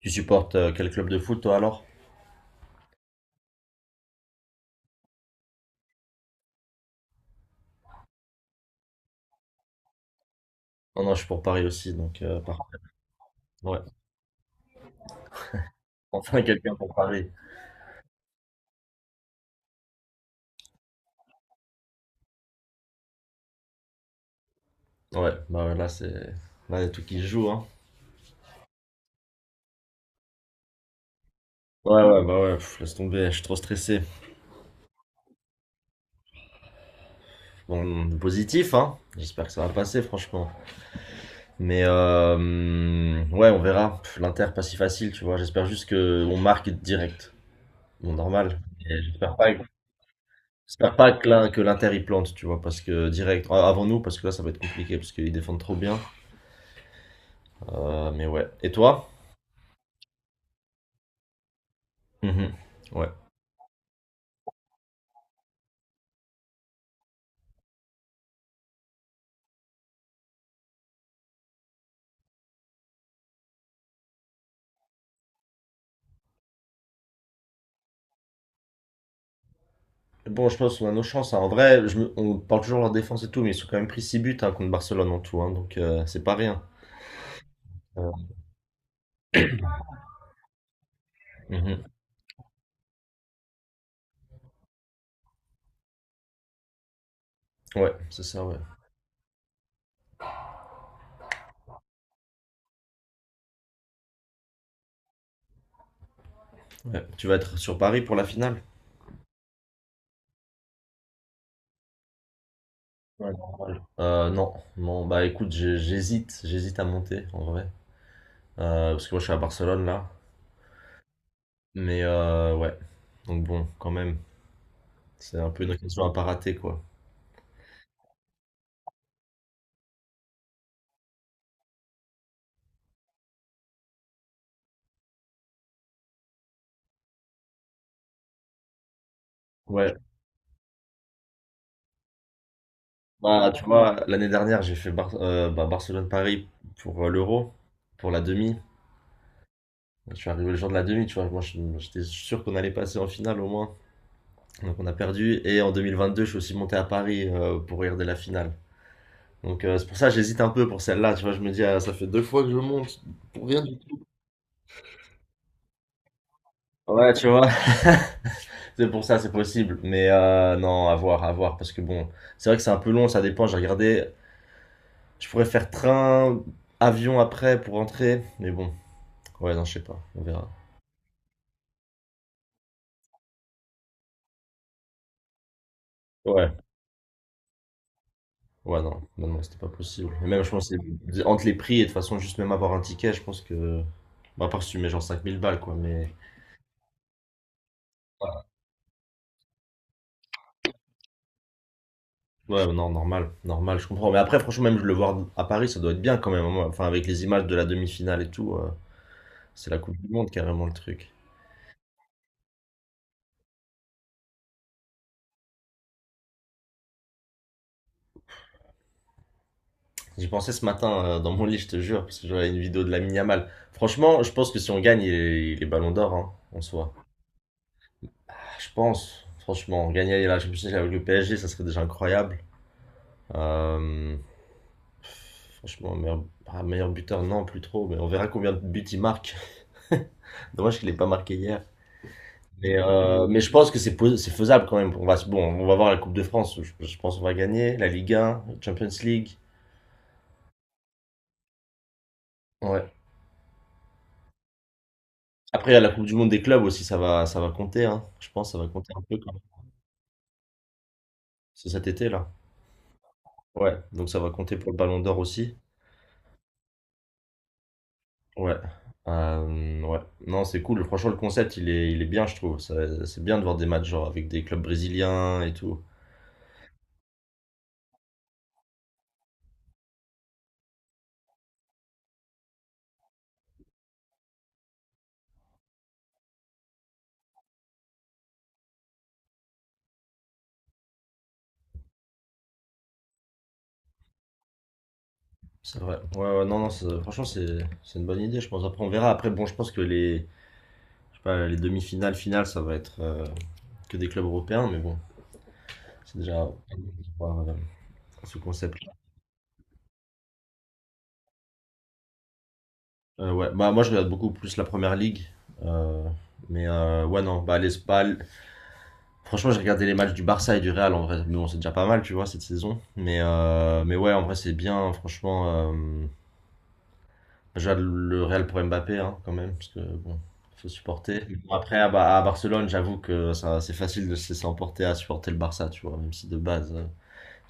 Tu supportes quel club de foot toi alors? Non, non, je suis pour Paris aussi, donc parfait. Ouais. Enfin quelqu'un pour Paris. Ouais, bah ouais, là c'est. Là, il y a tout qui se joue, hein. Ouais, ouais, bah ouais, pff, laisse tomber, je suis trop stressé. Bon, du positif, hein. J'espère que ça va passer, franchement. Mais ouais, on verra. Pff, L'Inter, pas si facile, tu vois. J'espère juste que on marque direct. Bon, normal. Mais j'espère pas que que l'Inter y plante, tu vois, parce que direct, ah, avant nous, parce que là, ça va être compliqué, parce qu'ils défendent trop bien. Mais ouais. Et toi? Mhm. Ouais. Bon, je pense qu'on a nos chances, hein. En vrai, on parle toujours de leur défense et tout, mais ils sont quand même pris 6 buts hein, contre Barcelone en tout, hein, donc c'est pas rien. Euh, Mhm. Ouais, c'est ça, ouais. Ouais. Tu vas être sur Paris pour la finale? Ouais, normal. Non, non, bah écoute, j'hésite à monter en vrai. Parce que moi je suis à Barcelone là, mais ouais, donc bon, quand même, c'est un peu une occasion à pas rater quoi. Ouais, bah tu vois, l'année dernière j'ai fait bah, Barcelone-Paris pour l'Euro, pour la demi. Je suis arrivé le jour de la demi, tu vois. Moi, j'étais sûr qu'on allait passer en finale au moins. Donc, on a perdu. Et en 2022, je suis aussi monté à Paris pour regarder la finale. Donc, c'est pour ça que j'hésite un peu pour celle-là. Tu vois, je me dis, ah, ça fait deux fois que je monte pour rien du tout. Ouais, tu vois. C'est pour ça, c'est possible. Mais non, à voir, à voir. Parce que bon, c'est vrai que c'est un peu long, ça dépend. J'ai regardé, je pourrais faire train, avion après pour rentrer. Mais bon, ouais, non, je sais pas. On verra. Ouais. Ouais, non, non, non, c'était pas possible. Et même, je pense, entre les prix et de toute façon, juste même avoir un ticket, je pense que. Bah, à part si tu mets genre 5000 balles, quoi, mais. Ouais, non, normal, normal, je comprends. Mais après, franchement, même je le voir à Paris, ça doit être bien quand même, moi. Enfin, avec les images de la demi-finale et tout, c'est la Coupe du Monde carrément le truc. J'y pensais ce matin dans mon lit, je te jure, parce que j'avais une vidéo de la Yamal. Franchement, je pense que si on gagne, il est Ballon d'Or, hein, en soi. Ah, je pense, franchement, gagner la Champions League avec le PSG, ça serait déjà incroyable. Euh, Franchement, meilleur buteur, non, plus trop, mais on verra combien de buts il marque. Dommage qu'il n'ait pas marqué hier. Mais je pense que c'est faisable quand même. Bon, on va voir la Coupe de France, je pense qu'on va gagner. La Ligue 1, Champions League. Ouais. Après, il y a la Coupe du Monde des clubs aussi, ça va compter, hein. Je pense que ça va compter un peu quand même. C'est cet été là. Ouais, donc ça va compter pour le Ballon d'Or aussi. Ouais. Ouais. Non, c'est cool. Franchement, le concept, il est bien, je trouve. C'est bien de voir des matchs genre avec des clubs brésiliens et tout. C'est vrai. Ouais, ouais, non, non, franchement, c'est une bonne idée, je pense. Après, on verra. Après, bon, je pense que les, je sais pas, les demi-finales, finales, ça va être que des clubs européens, mais bon, c'est déjà voir, ce concept. Ouais, bah, moi, je regarde beaucoup plus la première ligue. euh, mais ouais, non, bah, franchement, j'ai regardé les matchs du Barça et du Real en vrai. Mais bon, c'est déjà pas mal, tu vois, cette saison. Mais ouais, en vrai, c'est bien, franchement. Déjà, le Real pour Mbappé, hein, quand même, parce que bon, faut supporter. Mais bon, après, à Barcelone, j'avoue que ça, c'est facile de se laisser emporter à supporter le Barça, tu vois, même si de base,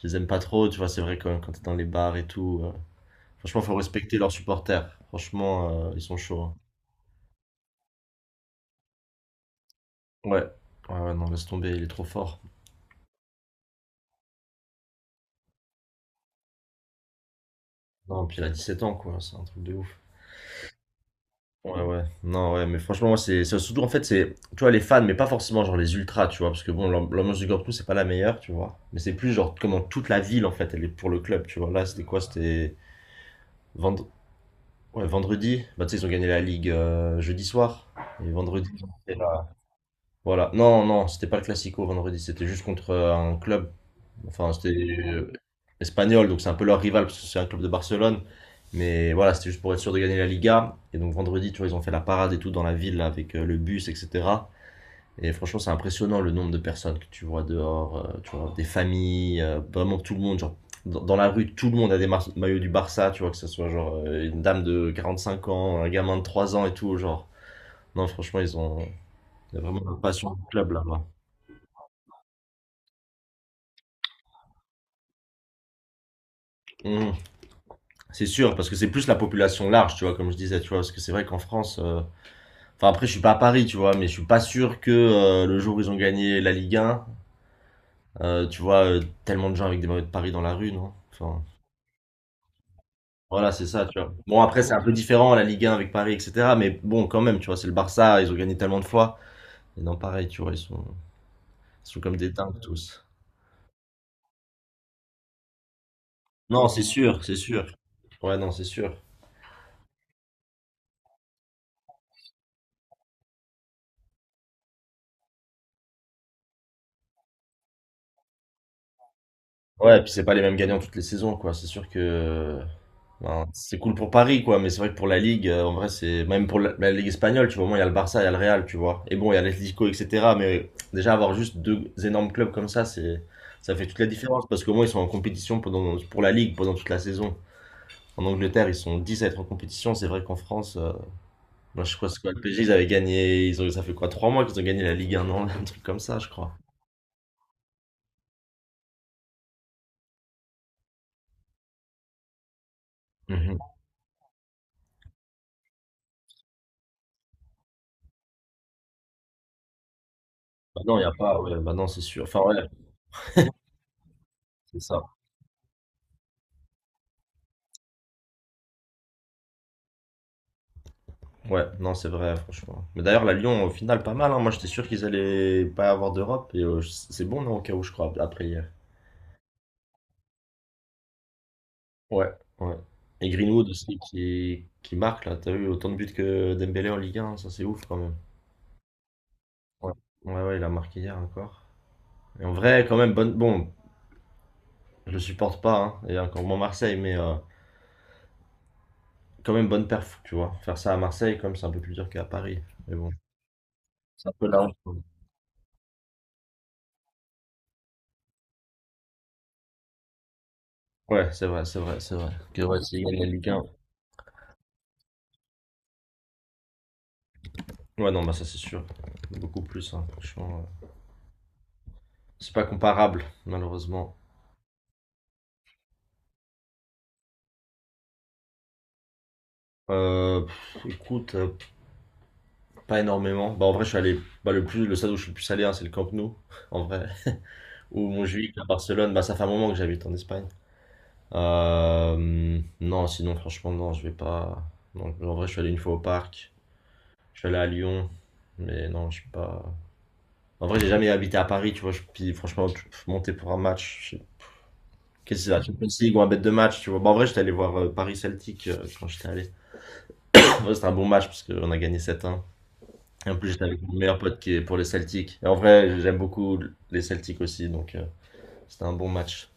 je les aime pas trop, tu vois, c'est vrai quand t'es dans les bars et tout. Franchement, faut respecter leurs supporters. Franchement, ils sont chauds, hein. Ouais. Ouais, ouais, non, laisse tomber, il est trop fort. Non, puis il a 17 ans, quoi, c'est un truc de ouf. Ouais, ouais, non, ouais, mais franchement, moi, c'est surtout en fait, c'est, tu vois, les fans, mais pas forcément genre les ultras, tu vois, parce que bon, l'ambiance du Camp Nou, c'est pas la meilleure, tu vois, mais c'est plus genre comment toute la ville, en fait, elle est pour le club, tu vois. Là, c'était quoi? Vendre... ouais, vendredi, bah, tu sais, ils ont gagné la Ligue jeudi soir, et vendredi, ils ont fait voilà, non, non, c'était pas le Classico vendredi, c'était juste contre un club. Enfin, c'était euh, espagnol, donc c'est un peu leur rival parce que c'est un club de Barcelone. Mais voilà, c'était juste pour être sûr de gagner la Liga. Et donc vendredi, tu vois, ils ont fait la parade et tout dans la ville là, avec le bus, etc. Et franchement, c'est impressionnant le nombre de personnes que tu vois dehors, tu vois, des familles, vraiment tout le monde. Genre, dans la rue, tout le monde a des maillots du Barça, tu vois, que ce soit genre une dame de 45 ans, un gamin de 3 ans et tout. Genre, non, franchement, ils ont il y a vraiment la passion du club là-bas. Mmh. C'est sûr, parce que c'est plus la population large, tu vois, comme je disais, tu vois, parce que c'est vrai qu'en France, enfin après je suis pas à Paris, tu vois, mais je suis pas sûr que le jour où ils ont gagné la Ligue 1, tu vois, tellement de gens avec des maillots de Paris dans la rue, non? Enfin, voilà, c'est ça, tu vois. Bon après c'est un peu différent la Ligue 1 avec Paris, etc. Mais bon, quand même, tu vois, c'est le Barça, ils ont gagné tellement de fois. Et non, pareil, tu vois, ils sont comme des dingues tous. Non, c'est sûr, c'est sûr. Ouais, non, c'est sûr. Ouais, et puis c'est pas les mêmes gagnants toutes les saisons, quoi. C'est sûr que ben, c'est cool pour Paris, quoi, mais c'est vrai que pour la Ligue, en vrai, c'est même pour la, Ligue espagnole, tu vois, au moins il y a le Barça, il y a le Real, tu vois. Et bon, il y a l'Atlético, etc. Mais déjà, avoir juste deux énormes clubs comme ça, c'est ça fait toute la différence parce qu'au moins ils sont en compétition pendant, pour la Ligue pendant toute la saison. En Angleterre, ils sont 10 à être en compétition. C'est vrai qu'en France, ben, je crois que c'est quoi, le PSG, ils avaient gagné, ils ont, ça fait quoi, 3 mois qu'ils ont gagné la Ligue un an, un truc comme ça, je crois. Mhm. Bah non, il n'y a pas, ouais, bah non, c'est sûr. Enfin, ouais, c'est ça. Ouais, non, c'est vrai, franchement. Mais d'ailleurs, la Lyon, au final, pas mal, hein. Moi, j'étais sûr qu'ils allaient pas avoir d'Europe. Et c'est bon, non, au cas où, je crois, après hier. Ouais, ouais. Et Greenwood aussi qui marque, là. T'as eu autant de buts que Dembélé en Ligue 1. Ça, c'est ouf, quand même. Ouais. Ouais, ouais, il a marqué hier encore. Et en vrai, quand même, bonne. Bon, je le supporte pas, hein, et encore moins Marseille, mais quand même bonne perf, tu vois. Faire ça à Marseille, quand même, c'est un peu plus dur qu'à Paris. Mais bon, c'est un peu la honte, quoi. Ouais, c'est vrai, c'est vrai, c'est vrai. Que ouais, s'il gagne la Ligue. Ouais, non, bah ça c'est sûr. Beaucoup plus, hein, franchement. C'est pas comparable, malheureusement. Pff, écoute, pas énormément. Bah, en vrai, je suis allé. Bah, le stade où je suis le plus allé, hein, c'est le Camp Nou, en vrai. Ou Montjuïc à Barcelone. Bah, ça fait un moment que j'habite en Espagne. Non, sinon, franchement, non, je vais pas. Non, en vrai, je suis allé une fois au parc. Je suis allé à Lyon. Mais non, je suis pas. En vrai, j'ai jamais habité à Paris, tu vois. Je... Puis, franchement, monter pour un match. Qu'est-ce que c'est la Champions League ou un bête de match, tu vois. Bon, en vrai, j'étais allé voir Paris Celtic quand j'étais allé. Ouais, c'était un bon match parce qu'on a gagné sept. 1. Et en plus, j'étais avec mon meilleur pote qui est pour les Celtics. Et en vrai, j'aime beaucoup les Celtics aussi, donc c'était un bon match.